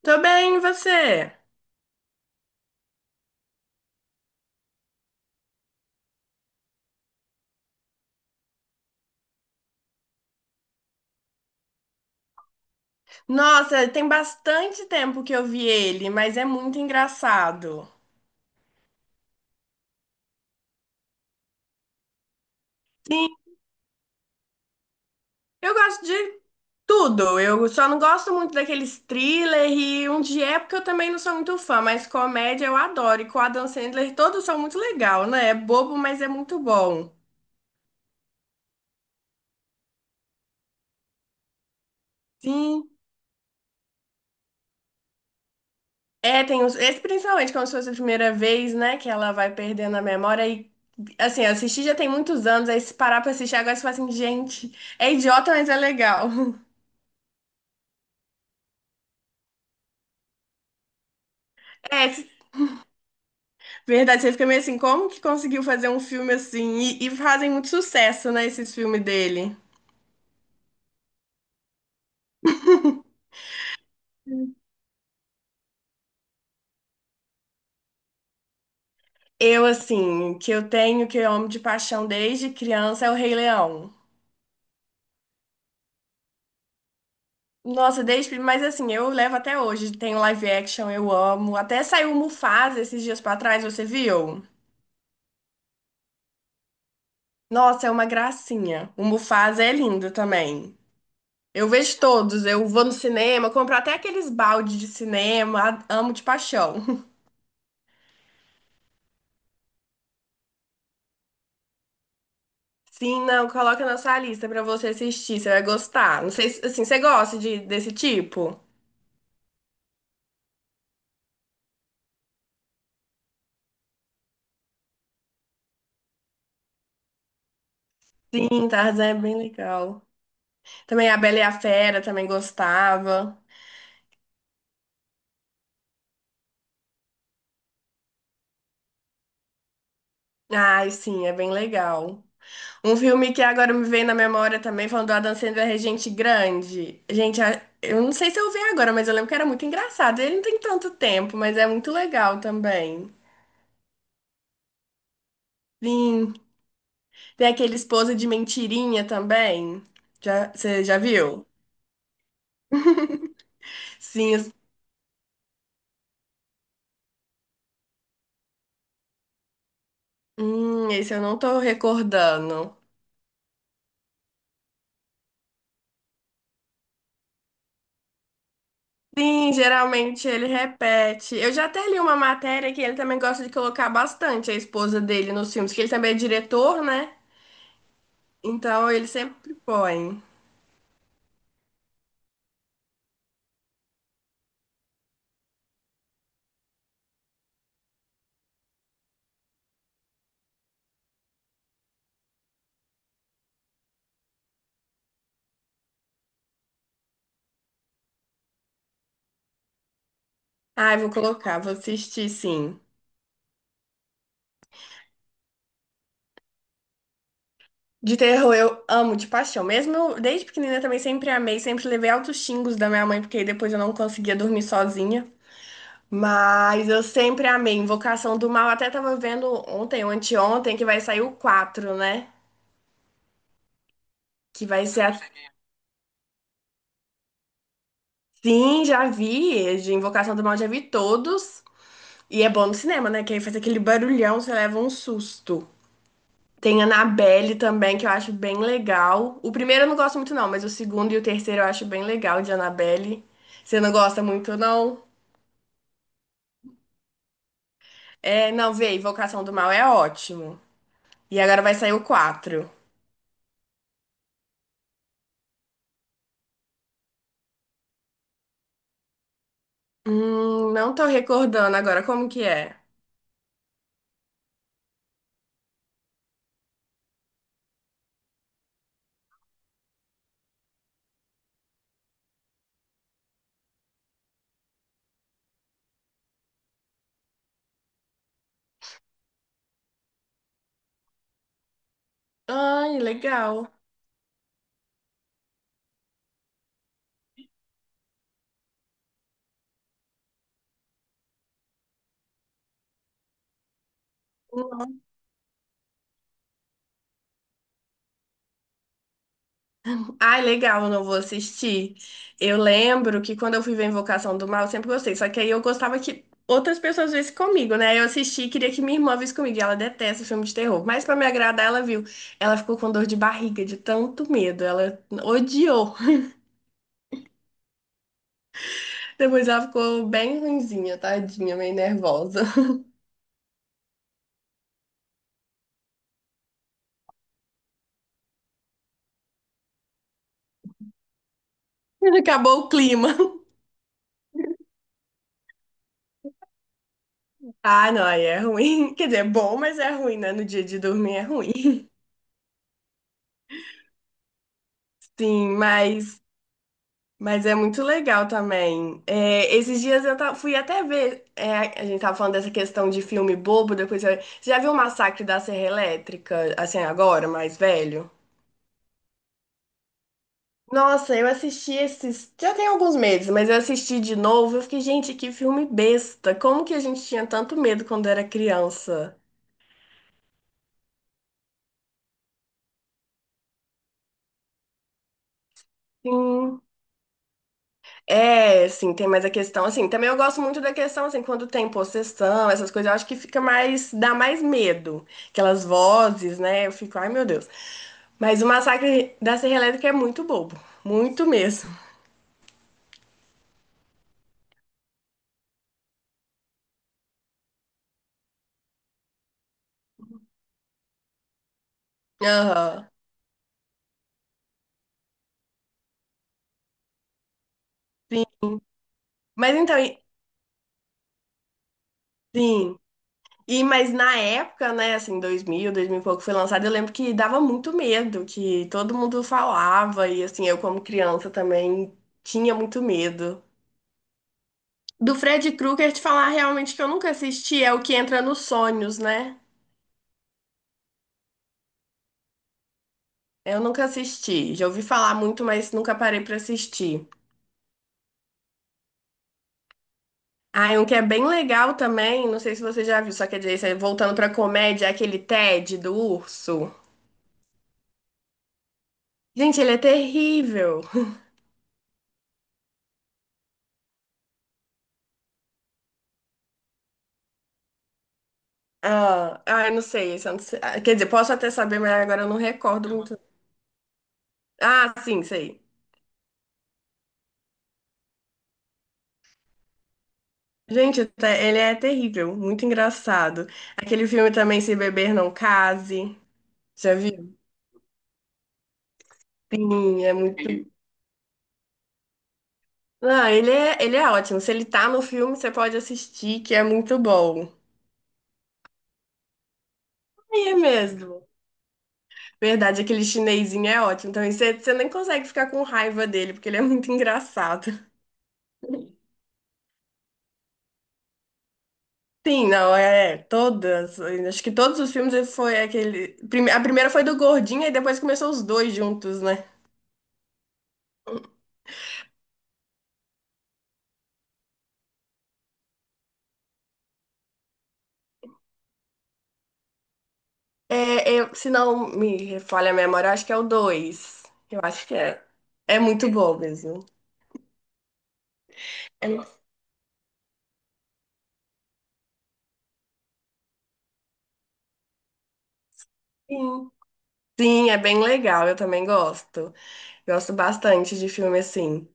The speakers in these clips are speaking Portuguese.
Tô bem, e você? Nossa, tem bastante tempo que eu vi ele, mas é muito engraçado. Sim, eu gosto de tudo. Eu só não gosto muito daqueles thriller e um de época eu também não sou muito fã, mas comédia eu adoro. E com o Adam Sandler todos são muito legal, né? É bobo, mas é muito bom. Sim. É, tem uns, esse principalmente como se fosse a primeira vez, né, que ela vai perdendo a memória e assim, eu assisti já tem muitos anos, aí se parar pra assistir agora você fala assim, gente, é idiota, mas é legal. É, verdade, você fica meio assim, como que conseguiu fazer um filme assim? E fazem muito sucesso, né, esses filmes dele. Eu, assim, que eu tenho, que eu amo de paixão desde criança, é o Rei Leão. Nossa, desde, mas assim, eu levo até hoje. Tem o live action, eu amo. Até saiu o Mufasa esses dias pra trás, você viu? Nossa, é uma gracinha. O Mufasa é lindo também. Eu vejo todos, eu vou no cinema, compro até aqueles balde de cinema, amo de paixão. Sim, não, coloca na sua lista pra você assistir, você vai gostar. Não sei se, assim, você gosta desse tipo? Sim, Tarzan é bem legal. Também A Bela e a Fera também gostava. Ai, sim, é bem legal. Um filme que agora me veio na memória também, falando do Adam Sandler, é Gente Grande. Gente, eu não sei se eu vi agora, mas eu lembro que era muito engraçado. Ele não tem tanto tempo, mas é muito legal também. Sim, tem aquele Esposa de Mentirinha também. Já, você já viu? Sim. Esse eu não tô recordando. Sim, geralmente ele repete. Eu já até li uma matéria que ele também gosta de colocar bastante a esposa dele nos filmes, que ele também é diretor, né? Então ele sempre põe. Ai, vou colocar, vou assistir sim. De terror eu amo de paixão. Mesmo eu, desde pequenina também sempre amei, sempre levei altos xingos da minha mãe, porque depois eu não conseguia dormir sozinha. Mas eu sempre amei. Invocação do Mal, até tava vendo ontem ou anteontem que vai sair o quatro, né? Que vai ser a... Sim, já vi. De Invocação do Mal já vi todos. E é bom no cinema, né? Que aí faz aquele barulhão, você leva um susto. Tem Annabelle também, que eu acho bem legal. O primeiro eu não gosto muito, não, mas o segundo e o terceiro eu acho bem legal de Annabelle. Você não gosta muito, não? É, não, vê, Invocação do Mal é ótimo. E agora vai sair o quatro. Não tô recordando agora como que é. Ai, legal. Ai, legal, não vou assistir. Eu lembro que quando eu fui ver Invocação do Mal, eu sempre gostei. Só que aí eu gostava que outras pessoas vissem comigo, né? Eu assisti e queria que minha irmã visse comigo. E ela detesta filme de terror. Mas pra me agradar, ela viu. Ela ficou com dor de barriga, de tanto medo. Ela odiou. Depois ela ficou bem ruinzinha, tadinha, meio nervosa. Acabou o clima. Ah, não, aí é ruim. Quer dizer, é bom, mas é ruim, né? No dia de dormir é ruim. Sim, mas... Mas é muito legal também. É, esses dias eu fui até ver. É, a gente tava falando dessa questão de filme bobo, depois eu... Você já viu o Massacre da Serra Elétrica, assim, agora, mais velho? Nossa, eu assisti esses. Já tem alguns meses, mas eu assisti de novo. Eu fiquei, gente, que filme besta. Como que a gente tinha tanto medo quando era criança? Sim. É, assim, tem mais a questão, assim, também eu gosto muito da questão, assim, quando tem possessão, essas coisas, eu acho que fica mais, dá mais medo, aquelas vozes, né, eu fico, ai meu Deus, mas o Massacre da Serra Elétrica é muito bobo, muito mesmo. Aham, sim, mas então, e- sim, e, mas na época, né, assim, 2000, 2000 e pouco foi lançado, eu lembro que dava muito medo, que todo mundo falava, e assim, eu como criança também tinha muito medo. Do Fred Krueger te falar realmente que eu nunca assisti é o que entra nos sonhos, né? Eu nunca assisti. Já ouvi falar muito, mas nunca parei pra assistir. Ah, e um que é bem legal também, não sei se você já viu, só que dizer, isso, é voltando pra comédia, é aquele Ted do urso. Gente, ele é terrível. Ah, ah, eu não sei, esse eu não sei. Ah, quer dizer, posso até saber, mas agora eu não recordo muito. Ah, sim, sei. Gente, ele é terrível, muito engraçado. Aquele filme também, Se Beber Não Case. Já viu? Sim, é muito... Não, ele é ótimo. Se ele tá no filme, você pode assistir, que é muito bom. Aí é mesmo. Verdade, aquele chinesinho é ótimo. Então, você nem consegue ficar com raiva dele, porque ele é muito engraçado. Sim, não, é. É, todas. Acho que todos os filmes ele foi aquele. A primeira foi do Gordinho, e depois começou os dois juntos, né? É, eu- se não me falha a memória, eu acho que é o dois. Eu acho que é. É muito bom mesmo. É- Sim. Sim, é bem legal, eu também gosto. Gosto bastante de filme assim.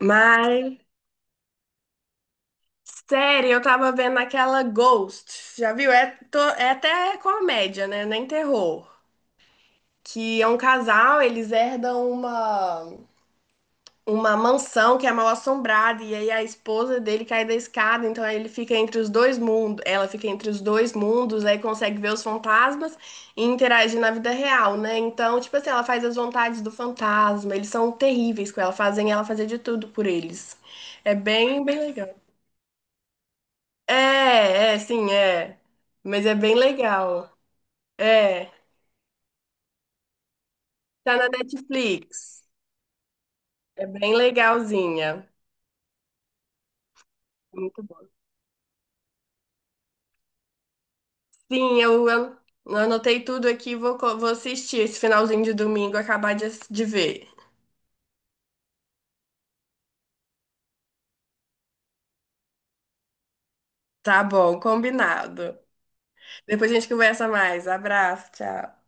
Mas, série, eu tava vendo aquela Ghost. Já viu? É, é até comédia, né? Nem terror. Que é um casal, eles herdam uma... uma mansão que é mal assombrada e aí a esposa dele cai da escada, então aí ele fica entre os dois mundos, ela fica entre os dois mundos, aí consegue ver os fantasmas e interagir na vida real, né? Então, tipo assim, ela faz as vontades do fantasma, eles são terríveis com ela, fazem ela fazer de tudo por eles. É bem, bem legal. É, é, sim, é. Mas é bem legal. É, tá na Netflix. É bem legalzinha. Muito... Sim, eu anotei tudo aqui e vou, vou assistir esse finalzinho de domingo, acabar de, de ver. Tá bom, combinado. Depois a gente conversa mais. Abraço, tchau.